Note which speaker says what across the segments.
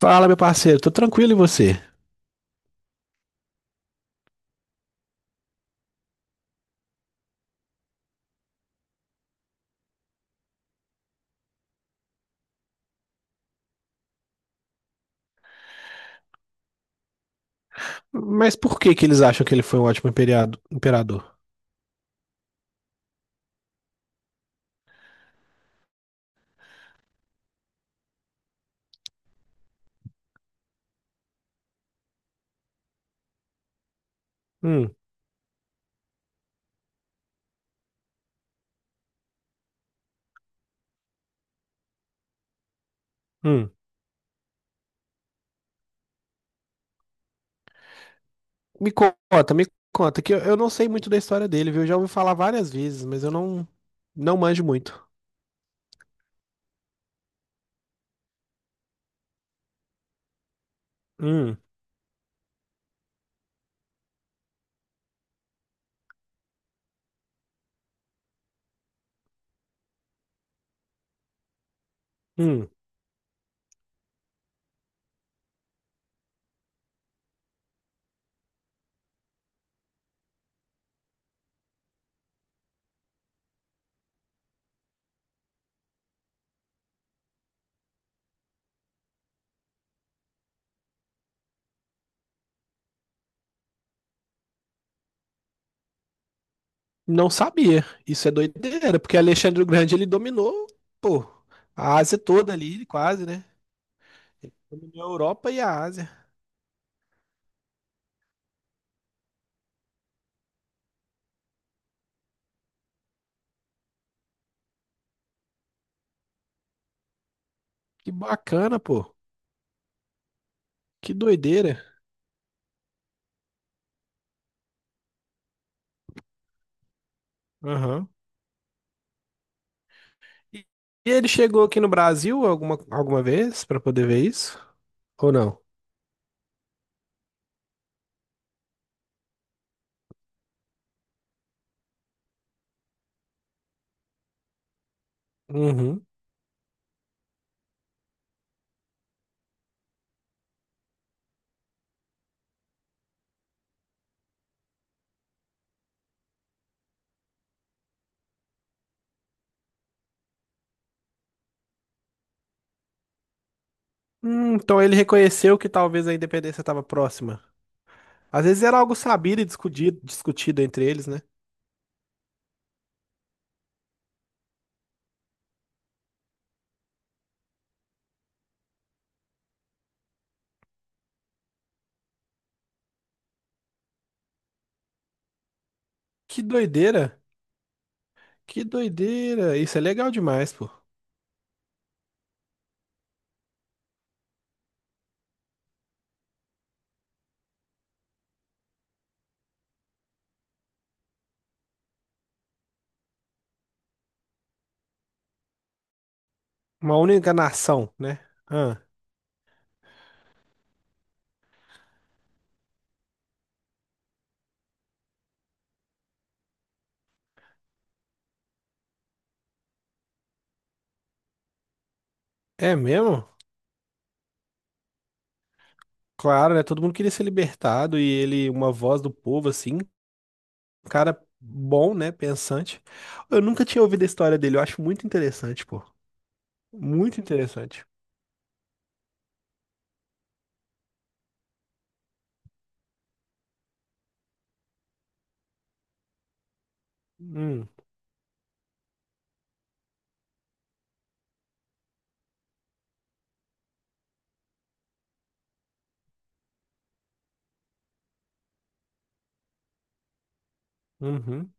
Speaker 1: Fala, meu parceiro, tô tranquilo e você? Mas por que que eles acham que ele foi um ótimo imperador? Hum, hum. Me conta, que eu não sei muito da história dele, viu? Eu já ouvi falar várias vezes, mas eu não manjo muito. Hum, hum, não sabia. Isso é doideira, porque Alexandre o Grande, ele dominou, pô, a Ásia toda ali, quase, né? Ele dominou a Europa e a Ásia. Que bacana, pô. Que doideira. Aham. E e ele chegou aqui no Brasil alguma vez pra poder ver isso? Ou não? Uhum. Então ele reconheceu que talvez a independência estava próxima. Às vezes era algo sabido e discutido, discutido entre eles, né? Que doideira! Que doideira! Isso é legal demais, pô. Uma única nação, né? Ah, é mesmo? Claro, né? Todo mundo queria ser libertado e ele, uma voz do povo, assim, um cara bom, né? Pensante. Eu nunca tinha ouvido a história dele, eu acho muito interessante, pô. Muito interessante. Hum, uhum.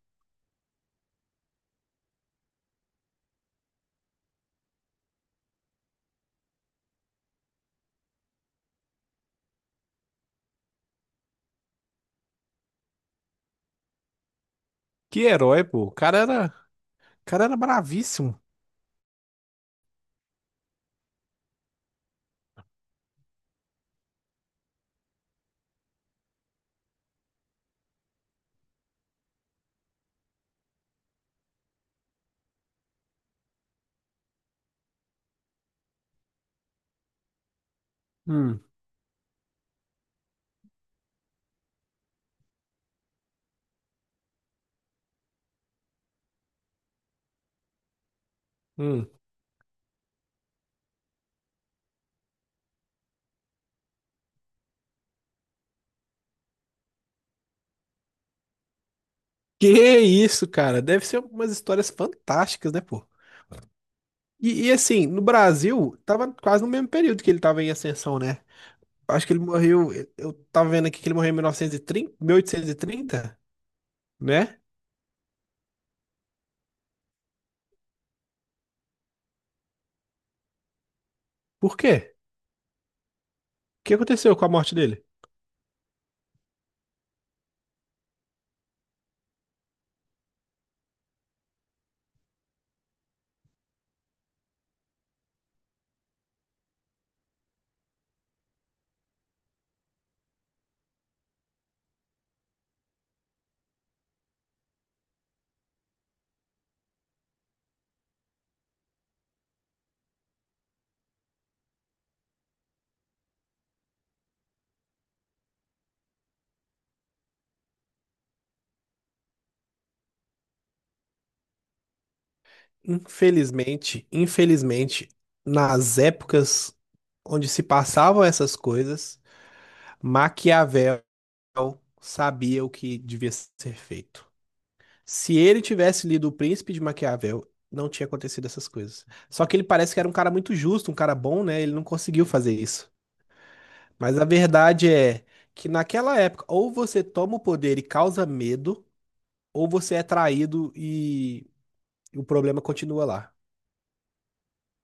Speaker 1: Que herói, pô. O cara era bravíssimo. Hum, hum. Que isso, cara? Deve ser umas histórias fantásticas, né, pô? E, assim, no Brasil, tava quase no mesmo período que ele tava em ascensão, né? Acho que ele morreu. Eu tava vendo aqui que ele morreu em 1930, 1830, né? Por quê? O que aconteceu com a morte dele? Infelizmente, infelizmente, nas épocas onde se passavam essas coisas, Maquiavel sabia o que devia ser feito. Se ele tivesse lido O Príncipe de Maquiavel, não tinha acontecido essas coisas. Só que ele parece que era um cara muito justo, um cara bom, né? Ele não conseguiu fazer isso. Mas a verdade é que naquela época, ou você toma o poder e causa medo, ou você é traído e o problema continua lá.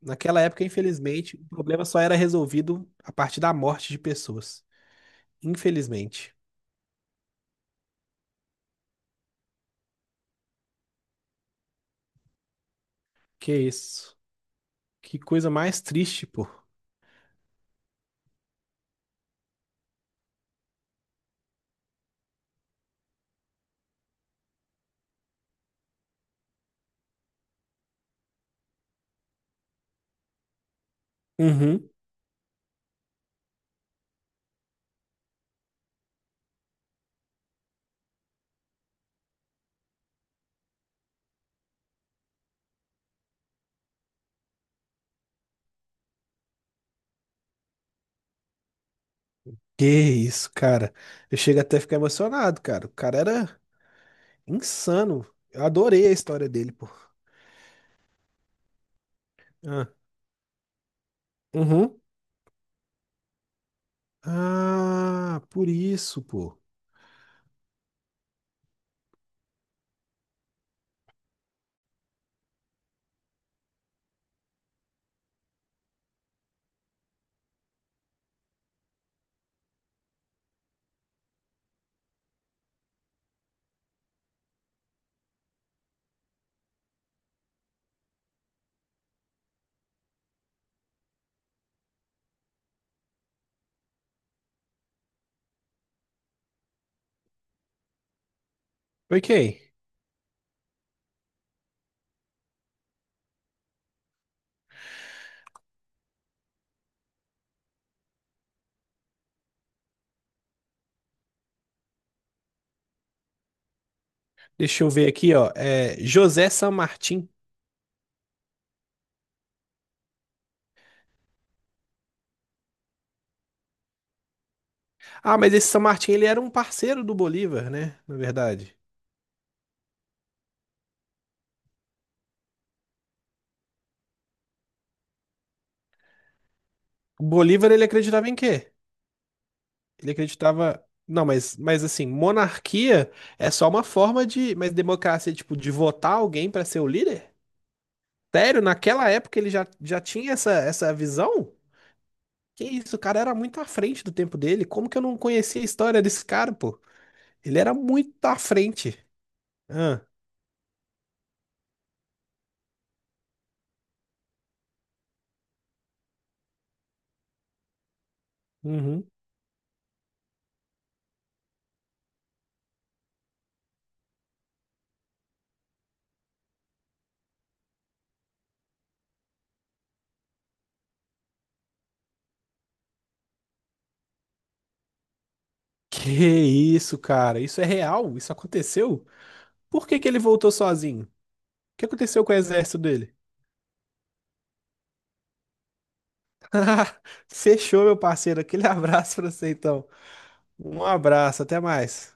Speaker 1: Naquela época, infelizmente, o problema só era resolvido a partir da morte de pessoas. Infelizmente. Que isso? Que coisa mais triste, pô. Uhum. Que isso, cara. Eu chego até a ficar emocionado, cara. O cara era insano. Eu adorei a história dele, pô. Ah, uhum. Ah, por isso, pô. Ok. Deixa eu ver aqui, ó. É José San Martín. Ah, mas esse San Martín, ele era um parceiro do Bolívar, né? Na verdade. O Bolívar, ele acreditava em quê? Ele acreditava... Não, mas assim, monarquia é só uma forma de... Mas democracia é tipo de votar alguém pra ser o líder? Sério, naquela época ele já tinha essa visão? Que isso, o cara era muito à frente do tempo dele. Como que eu não conhecia a história desse cara, pô? Ele era muito à frente. Ah, uhum. Que isso, cara? Isso é real? Isso aconteceu? Por que que ele voltou sozinho? O que aconteceu com o exército dele? Fechou, meu parceiro. Aquele abraço pra você, então. Um abraço, até mais.